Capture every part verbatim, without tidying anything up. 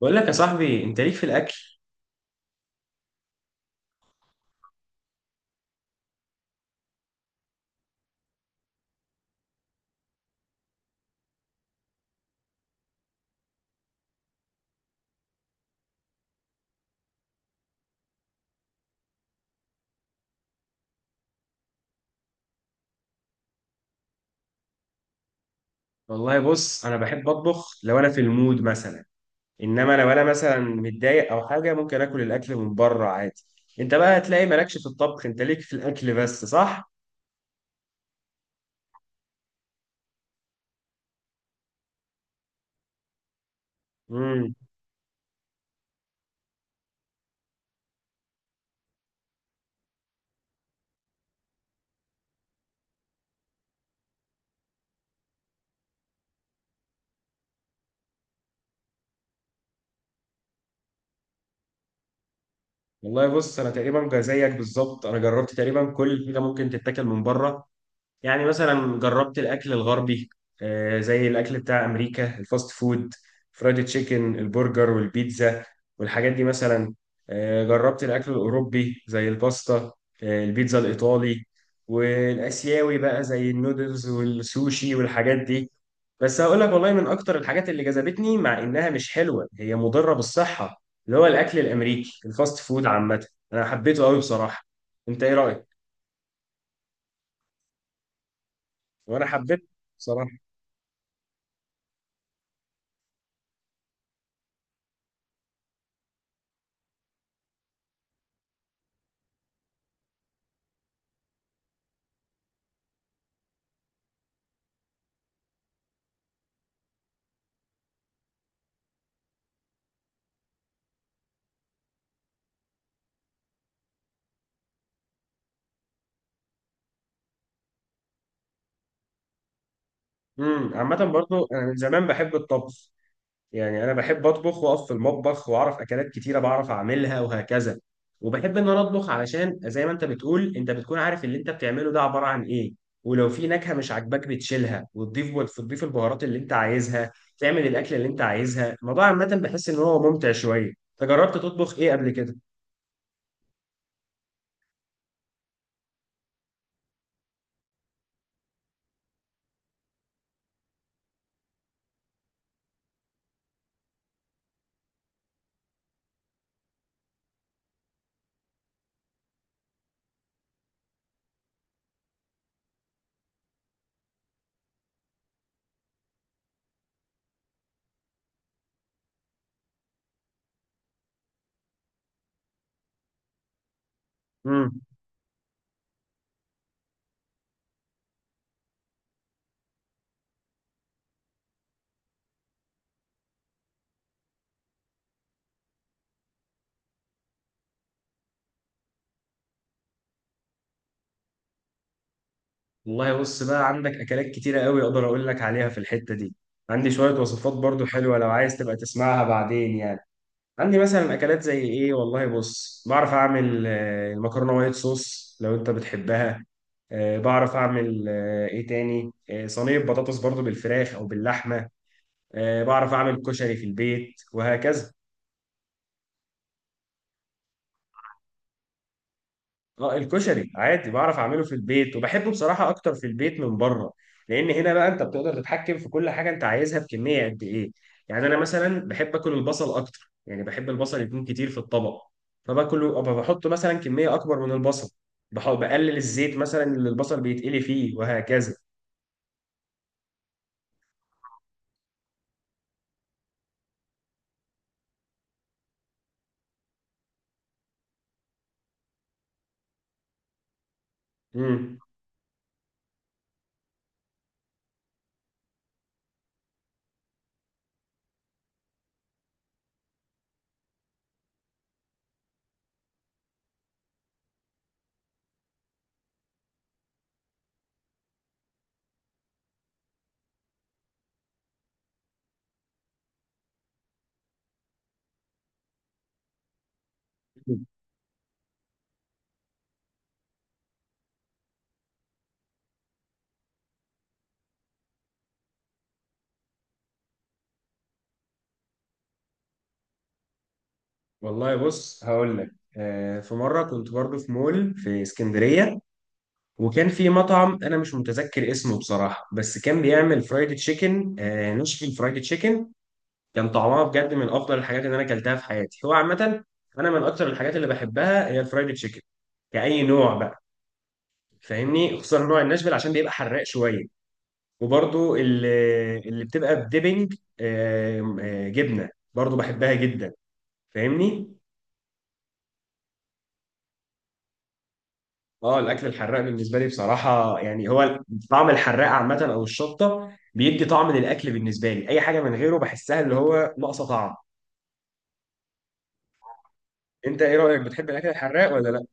بقول لك يا صاحبي، انت ليك في الاكل. والله بص، انا بحب اطبخ لو انا في المود مثلا. انما لو انا مثلا متضايق او حاجه، ممكن اكل الاكل من بره عادي. انت بقى هتلاقي مالكش في الطبخ، انت ليك في الاكل بس، صح؟ امم والله بص، انا تقريبا زيك بالظبط. انا جربت تقريبا كل حاجه ممكن تتاكل من بره. يعني مثلا جربت الاكل الغربي، آه، زي الاكل بتاع امريكا الفاست فود، فرايد تشيكن، البرجر والبيتزا والحاجات دي مثلا. آه، جربت الاكل الاوروبي زي الباستا، آه، البيتزا الايطالي، والاسيوي بقى زي النودلز والسوشي والحاجات دي. بس هقول لك والله، من اكتر الحاجات اللي جذبتني، مع انها مش حلوه هي مضره بالصحه، اللي هو الاكل الامريكي الفاست فود عامه. انا حبيته قوي بصراحه. انت ايه رايك؟ وانا حبيت بصراحه. امم عامة برضو أنا من زمان بحب الطبخ. يعني أنا بحب أطبخ وأقف في المطبخ، وأعرف أكلات كتيرة بعرف أعملها وهكذا. وبحب إن أنا أطبخ علشان زي ما أنت بتقول، أنت بتكون عارف اللي أنت بتعمله ده عبارة عن إيه. ولو في نكهة مش عاجباك بتشيلها، وتضيف وتضيف البهارات اللي أنت عايزها، تعمل الأكلة اللي أنت عايزها. الموضوع عامة بحس إن هو ممتع شوية. أنت جربت تطبخ إيه قبل كده؟ امم والله بص، بقى عندك أكلات كتيرة قوي أقدر أقول لك عليها في الحتة دي. عندي شوية وصفات برضو حلوة لو عايز تبقى تسمعها بعدين يعني. عندي مثلا اكلات زي ايه، والله بص بعرف اعمل آه، المكرونه وايت صوص لو انت بتحبها. آه، بعرف اعمل آه، ايه تاني آه، صينيه بطاطس برضو بالفراخ او باللحمه. آه، بعرف اعمل كشري في البيت وهكذا. اه الكشري عادي بعرف اعمله في البيت، وبحبه بصراحه اكتر في البيت من بره. لان هنا بقى انت بتقدر تتحكم في كل حاجه انت عايزها بكميه قد ايه. يعني انا مثلا بحب اكل البصل اكتر، يعني بحب البصل يكون كتير في الطبق، فباكله أبقى بحط مثلا كميه اكبر من البصل. بح- بقلل الزيت مثلا اللي البصل بيتقلي فيه وهكذا. امم والله بص هقول لك، آه، في مره كنت برضه في مول في اسكندريه، وكان في مطعم انا مش متذكر اسمه بصراحه، بس كان بيعمل فرايد تشيكن، آه نشفل فرايد تشيكن. كان طعمها بجد من افضل الحاجات اللي انا اكلتها في حياتي. هو عامه انا من اكتر الحاجات اللي بحبها هي الفرايد تشيكن، كأي نوع بقى، فاهمني. خصوصا نوع الناشفيل عشان بيبقى حراق شويه، وبرضو اللي, اللي بتبقى بديبنج آه، آه، جبنه برضو بحبها جدا، فاهمني. اه الاكل الحراق بالنسبه لي بصراحه يعني هو طعم الحراق عامه، او الشطه بيدي طعم للاكل بالنسبه لي. اي حاجه من غيره بحسها اللي هو ناقصه طعم. انت ايه رايك، بتحب الاكل الحراق ولا لا؟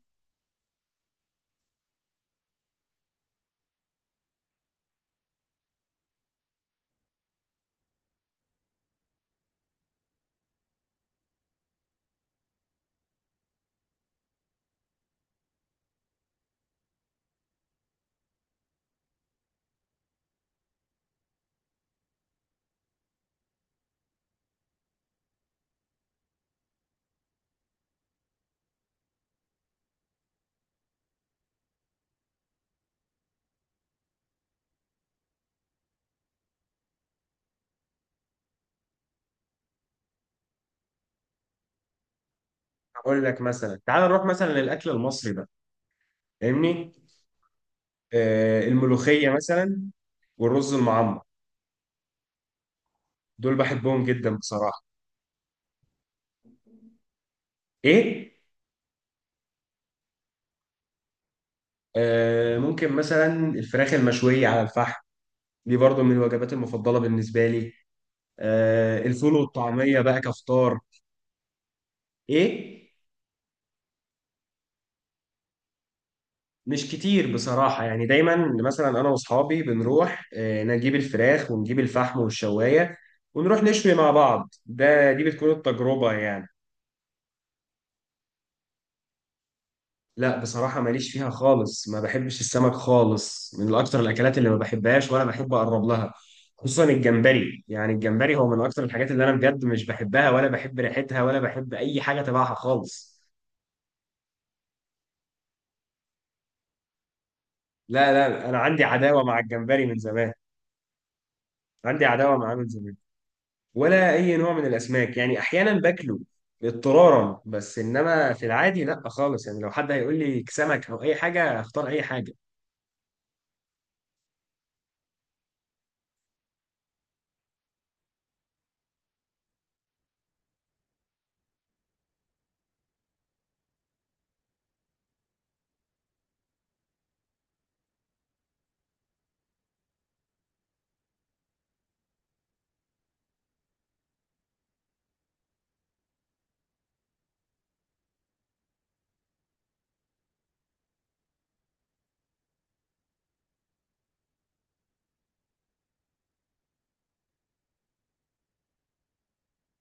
اقول لك مثلا تعال نروح مثلا للاكل المصري بقى، فاهمني. آه الملوخيه مثلا، والرز المعمر، دول بحبهم جدا بصراحه. ايه؟ آه ممكن مثلا الفراخ المشويه على الفحم، دي برضو من الوجبات المفضله بالنسبه لي. آه الفول والطعميه بقى كفطار. ايه؟ مش كتير بصراحة، يعني دايما مثلا أنا وأصحابي بنروح آه، نجيب الفراخ ونجيب الفحم والشواية، ونروح نشوي مع بعض. ده دي بتكون التجربة يعني. لا بصراحة ماليش فيها خالص، ما بحبش السمك خالص. من أكتر الأكلات اللي ما بحبهاش ولا بحب أقرب لها، خصوصا الجمبري. يعني الجمبري هو من أكتر الحاجات اللي أنا بجد مش بحبها، ولا بحب ريحتها، ولا بحب أي حاجة تبعها خالص. لا لا، أنا عندي عداوة مع الجمبري من زمان. عندي عداوة معاه من زمان. ولا اي نوع من الاسماك. يعني احيانا باكله اضطرارا، بس انما في العادي لا خالص. يعني لو حد هيقول لي سمك او اي حاجه، اختار اي حاجه.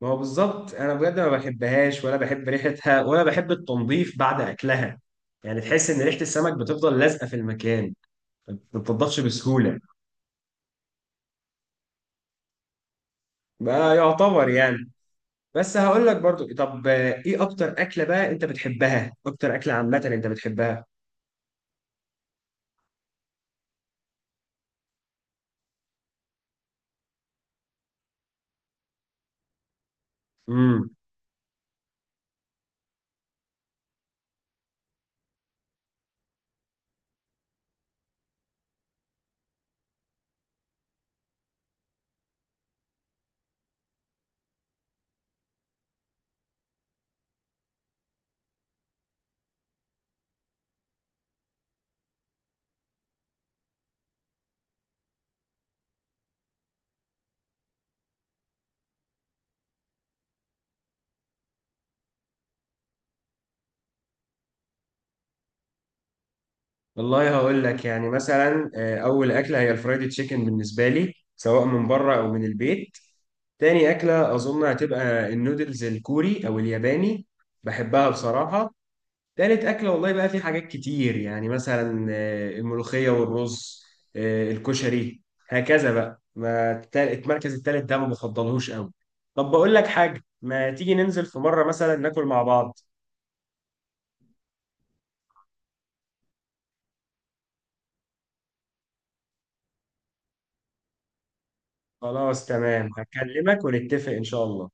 ما هو بالظبط، انا بجد ما بحبهاش، ولا بحب ريحتها، ولا بحب التنظيف بعد اكلها. يعني تحس ان ريحه السمك بتفضل لازقه في المكان، ما بتنضفش بسهوله. بقى يعتبر يعني. بس هقول لك برضو، طب آه، ايه اكتر اكله بقى انت بتحبها، اكتر اكله عامه انت بتحبها؟ والله هقول لك، يعني مثلا آه، اول اكله هي الفرايدي تشيكن بالنسبه لي، سواء من بره او من البيت. تاني اكله اظن هتبقى النودلز الكوري او الياباني، بحبها بصراحه. تالت اكله والله بقى في حاجات كتير، يعني مثلا آه، الملوخيه والرز، آه، الكشري، هكذا بقى. ما التا- المركز التالت ده ما بفضلهوش قوي. طب بقول لك حاجه، ما تيجي ننزل في مره مثلا ناكل مع بعض؟ خلاص تمام، هكلمك ونتفق ان شاء الله.